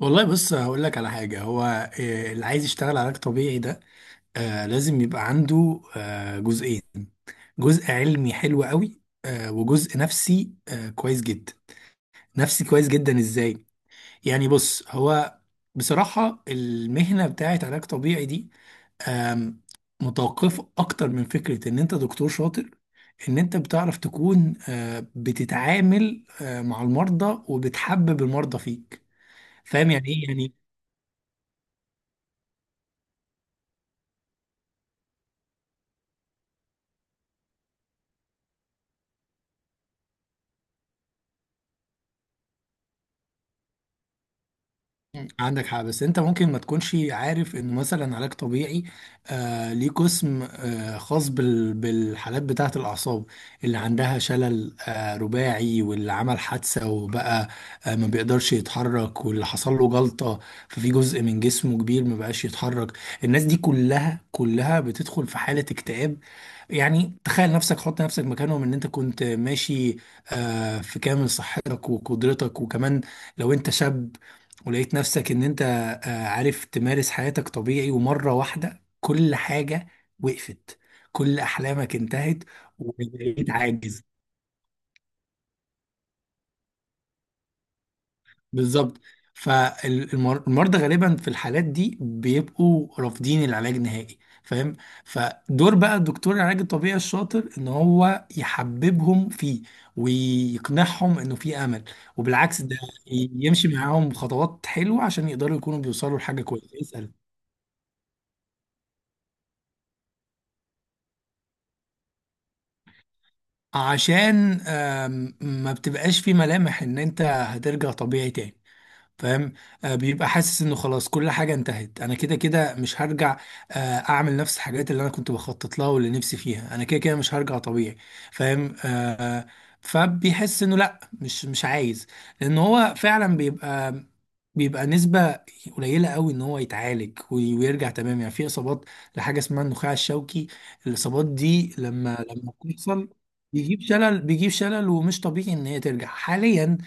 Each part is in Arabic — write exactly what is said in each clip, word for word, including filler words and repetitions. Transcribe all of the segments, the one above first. والله بص هقول لك على حاجة. هو آه، اللي عايز يشتغل علاج طبيعي ده آه، لازم يبقى عنده آه، جزئين. جزء علمي حلو قوي آه، وجزء نفسي آه، كويس جدا. نفسي كويس جدا ازاي؟ يعني بص هو بصراحة المهنة بتاعت علاج طبيعي دي آم، متوقفة اكتر من فكرة ان انت دكتور شاطر، ان انت بتعرف تكون آه، بتتعامل آه، مع المرضى وبتحبب المرضى فيك. فاهم يعني ايه يعني؟ عندك حق، بس انت ممكن ما تكونش عارف انه مثلا علاج طبيعي آه ليه قسم آه خاص بال بالحالات بتاعه الاعصاب، اللي عندها شلل آه رباعي، واللي عمل حادثه وبقى آه ما بيقدرش يتحرك، واللي حصل له جلطه ففي جزء من جسمه كبير ما بقاش يتحرك. الناس دي كلها كلها بتدخل في حاله اكتئاب. يعني تخيل نفسك، حط نفسك مكانهم، ان انت كنت ماشي آه في كامل صحتك وقدرتك، وكمان لو انت شاب ولقيت نفسك ان انت آه، عارف تمارس حياتك طبيعي، ومرة واحدة كل حاجة وقفت، كل احلامك انتهت، وبقيت عاجز. بالظبط. فالمرضى غالبا في الحالات دي بيبقوا رافضين العلاج نهائي، فاهم. فدور بقى دكتور العلاج الطبيعي الشاطر ان هو يحببهم فيه، ويقنعهم انه في امل، وبالعكس، ده يمشي معاهم خطوات حلوة عشان يقدروا يكونوا بيوصلوا لحاجة كويسة. اسأل. عشان آم، ما بتبقاش في ملامح ان انت هترجع طبيعي تاني، فاهم. آه، بيبقى حاسس انه خلاص كل حاجه انتهت، انا كده كده مش هرجع، آه، اعمل نفس الحاجات اللي انا كنت بخطط لها واللي نفسي فيها، انا كده كده مش هرجع طبيعي. فاهم. آه، فبيحس انه لا، مش مش عايز. لان هو فعلا بيبقى بيبقى نسبة قليلة قوي ان هو يتعالج وي- ويرجع تمام. يعني في اصابات لحاجة اسمها النخاع الشوكي. الاصابات دي لما لما بتحصل بيجيب شلل. بيجيب شلل، ومش طبيعي ان هي ترجع حاليا.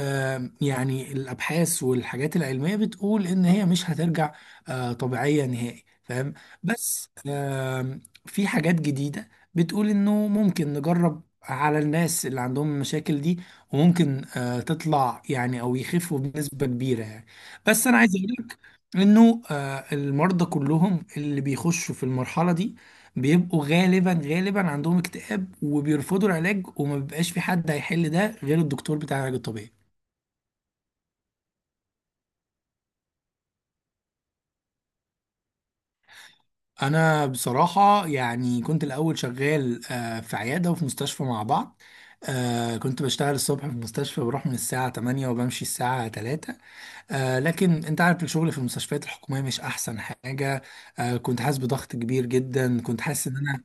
آم، يعني الابحاث والحاجات العلميه بتقول ان هي مش هترجع آه، طبيعيه نهائي، فاهم. بس آم، في حاجات جديده بتقول انه ممكن نجرب على الناس اللي عندهم المشاكل دي، وممكن آه، تطلع يعني، او يخفوا بنسبه كبيره يعني. بس انا عايز اقول لك انه آه، المرضى كلهم اللي بيخشوا في المرحله دي بيبقوا غالبا غالبا عندهم اكتئاب وبيرفضوا العلاج، وما بيبقاش في حد هيحل ده غير الدكتور بتاع العلاج الطبيعي. انا بصراحه يعني كنت الاول شغال آه، في عياده وفي مستشفى مع بعض. آه، كنت بشتغل الصبح في المستشفى، بروح من الساعه تمانية وبمشي الساعه تلاتة. آه، لكن انت عارف الشغل في المستشفيات الحكوميه مش احسن حاجه. آه، كنت حاسس بضغط كبير جدا، كنت حاسس ان انا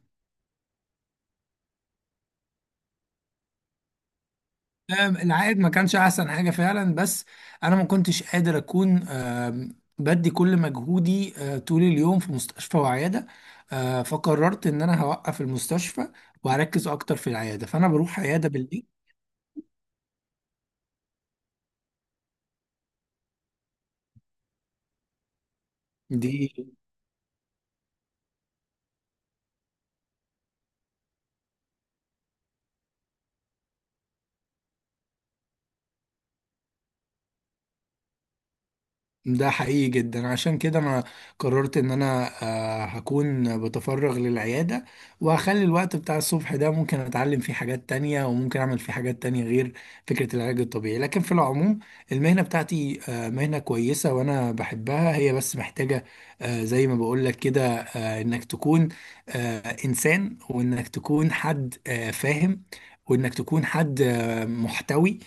أم، العائد ما كانش احسن حاجه فعلا، بس انا ما كنتش قادر اكون أم، بدي كل مجهودي أه، طول اليوم في مستشفى وعياده. أه، فقررت ان انا هوقف المستشفى، وهركز اكتر في العياده، فانا بروح عياده بالليل. دي ده حقيقي جدا. عشان كده انا قررت ان انا آه، هكون بتفرغ للعيادة، وهخلي الوقت بتاع الصبح ده ممكن اتعلم فيه حاجات تانية وممكن اعمل فيه حاجات تانية غير فكرة العلاج الطبيعي. لكن في العموم المهنة بتاعتي آه، مهنة كويسة وانا بحبها، هي بس محتاجة آه، زي ما بقولك كده آه، انك تكون آه، انسان، وانك تكون حد آه، فاهم، وانك تكون حد آه، محتوي،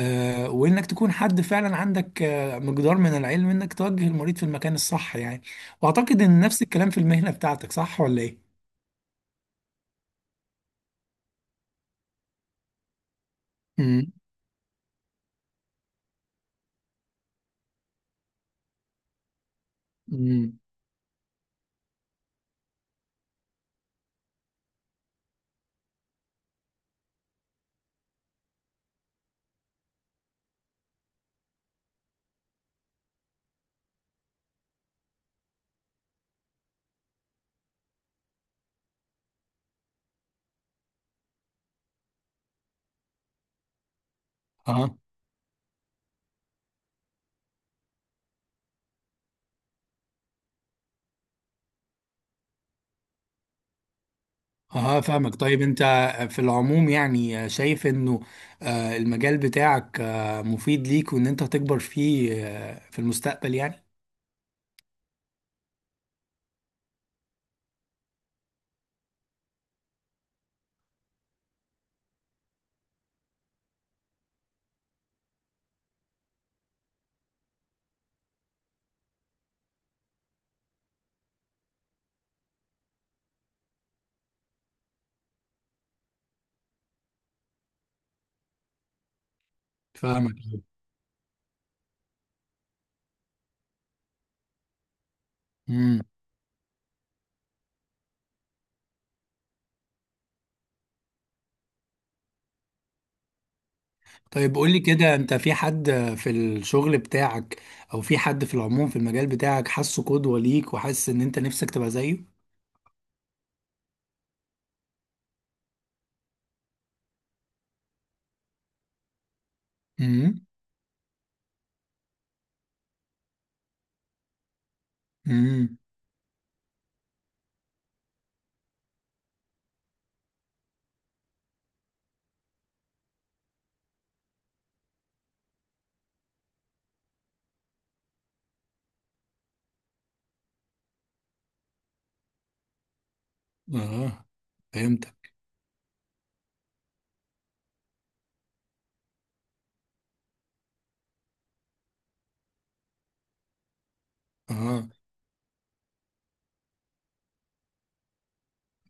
آه، وانك تكون حد فعلا عندك مقدار من العلم انك توجه المريض في المكان الصح يعني. واعتقد ان نفس الكلام في المهنة بتاعتك، صح ولا ايه؟ امم. امم. اه. اه، فاهمك. طيب انت في العموم يعني شايف انه آه، المجال بتاعك آه، مفيد ليك، وان انت هتكبر فيه آه، في المستقبل يعني. فاهمك. امم. طيب قول لي كده، انت في حد في الشغل بتاعك او في حد في العموم في المجال بتاعك حاسه قدوة ليك، وحاسس ان انت نفسك تبقى زيه؟ امم. اه، فهمتك. اه.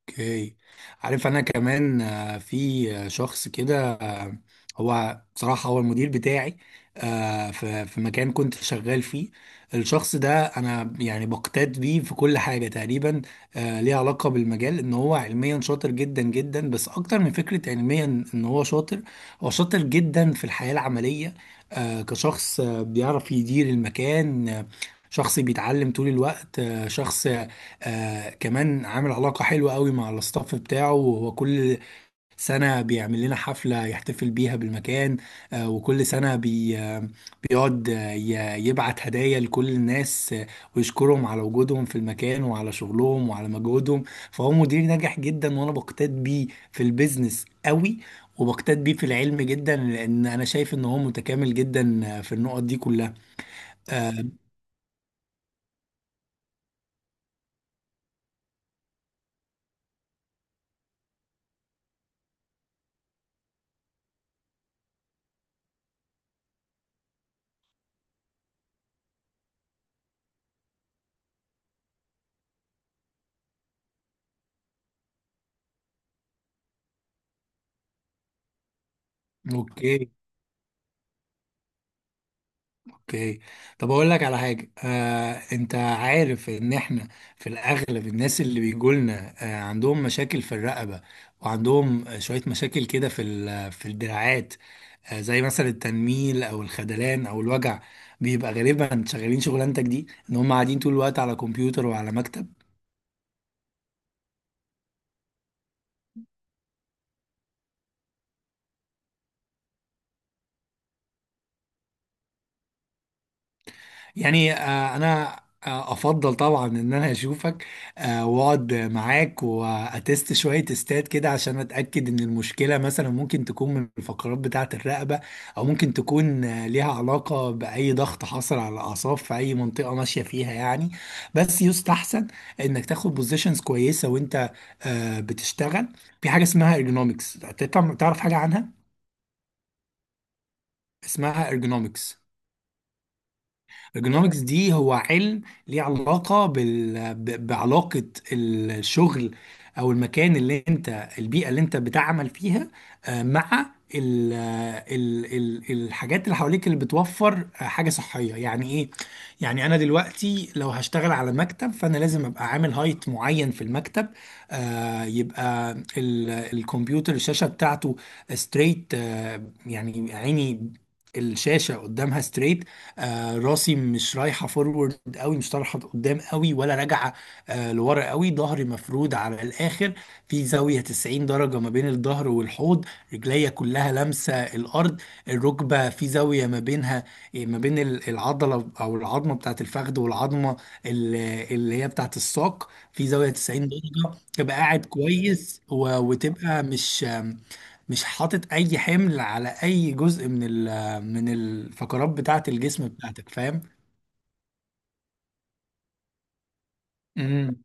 اوكي. عارف انا كمان آه، في آه، شخص كده آه، هو بصراحة هو المدير بتاعي آه، في في مكان كنت شغال فيه. الشخص ده انا يعني بقتات بيه في كل حاجة تقريبا آه، ليها علاقة بالمجال. ان هو علميا شاطر جدا جدا، بس اكتر من فكرة علميا ان هو شاطر، هو شاطر جدا في الحياة العملية. آه، كشخص آه، بيعرف يدير المكان، آه، شخص بيتعلم طول الوقت، آه، شخص آه كمان عامل علاقة حلوة قوي مع الاستاف بتاعه. وهو كل سنة بيعمل لنا حفلة يحتفل بيها بالمكان. آه وكل سنة بي آه بيقعد آه ي- يبعت هدايا لكل الناس، آه ويشكرهم على وجودهم في المكان وعلى شغلهم وعلى مجهودهم. فهو مدير ناجح جدا، وانا بقتاد بيه في البيزنس قوي، وبقتاد بيه في العلم جدا، لان انا شايف ان هو متكامل جدا آه، في النقط دي كلها. آه. اوكي. اوكي. طب اقول لك على حاجه. آه، انت عارف ان احنا في الاغلب الناس اللي بيجولنا آه، عندهم مشاكل في الرقبه، وعندهم آه، شويه مشاكل كده في ال- في الدراعات، آه، زي مثلا التنميل او الخدلان او الوجع. بيبقى غالبا شغالين شغلانتك دي ان هم قاعدين طول الوقت على كمبيوتر وعلى مكتب. يعني آه، انا آه، افضل طبعا ان انا اشوفك آه، واقعد معاك واتست شويه تستات كده، عشان اتاكد ان المشكله مثلا ممكن تكون من الفقرات بتاعه الرقبه، او ممكن تكون آه، ليها علاقه باي ضغط حصل على الاعصاب في اي منطقه ماشيه فيها يعني. بس يستحسن انك تاخد بوزيشنز كويسه وانت آه، بتشتغل. في حاجه اسمها ارجونومكس. تعرف حاجه عنها؟ اسمها ارجونومكس. الجنوركس دي هو علم ليه علاقة بال... ب- بعلاقة الشغل، أو المكان اللي أنت، البيئة اللي أنت بتعمل فيها آه، مع ال... ال... ال... الحاجات اللي حواليك، اللي بتوفر آه، حاجة صحية. يعني إيه؟ يعني أنا دلوقتي لو هشتغل على مكتب فأنا لازم أبقى عامل هايت معين في المكتب. آه، يبقى ال... الكمبيوتر، الشاشة بتاعته ستريت. يعني عيني الشاشة قدامها ستريت. آه، راسي مش رايحه فورورد قوي، مش طالعه قدام قوي ولا راجعه آه، لورا قوي. ظهري مفرود على الاخر، في زاويه تسعين درجه ما بين الظهر والحوض. رجليا كلها لامسه الارض. الركبه في زاويه ما بينها آه، ما بين ال- العضله او العظمه بتاعت الفخذ، والعظمه ال- اللي هي بتاعت الساق، في زاويه تسعين درجه. تبقى قاعد كويس و- وتبقى مش آم، مش حاطط اي حمل على اي جزء من ال من الفقرات بتاعة الجسم بتاعتك، فاهم. امم.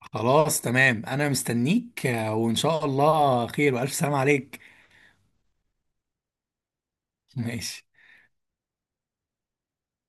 خلاص، تمام. انا مستنيك، آه، وان شاء الله خير، والف سلام عليك. ماشي.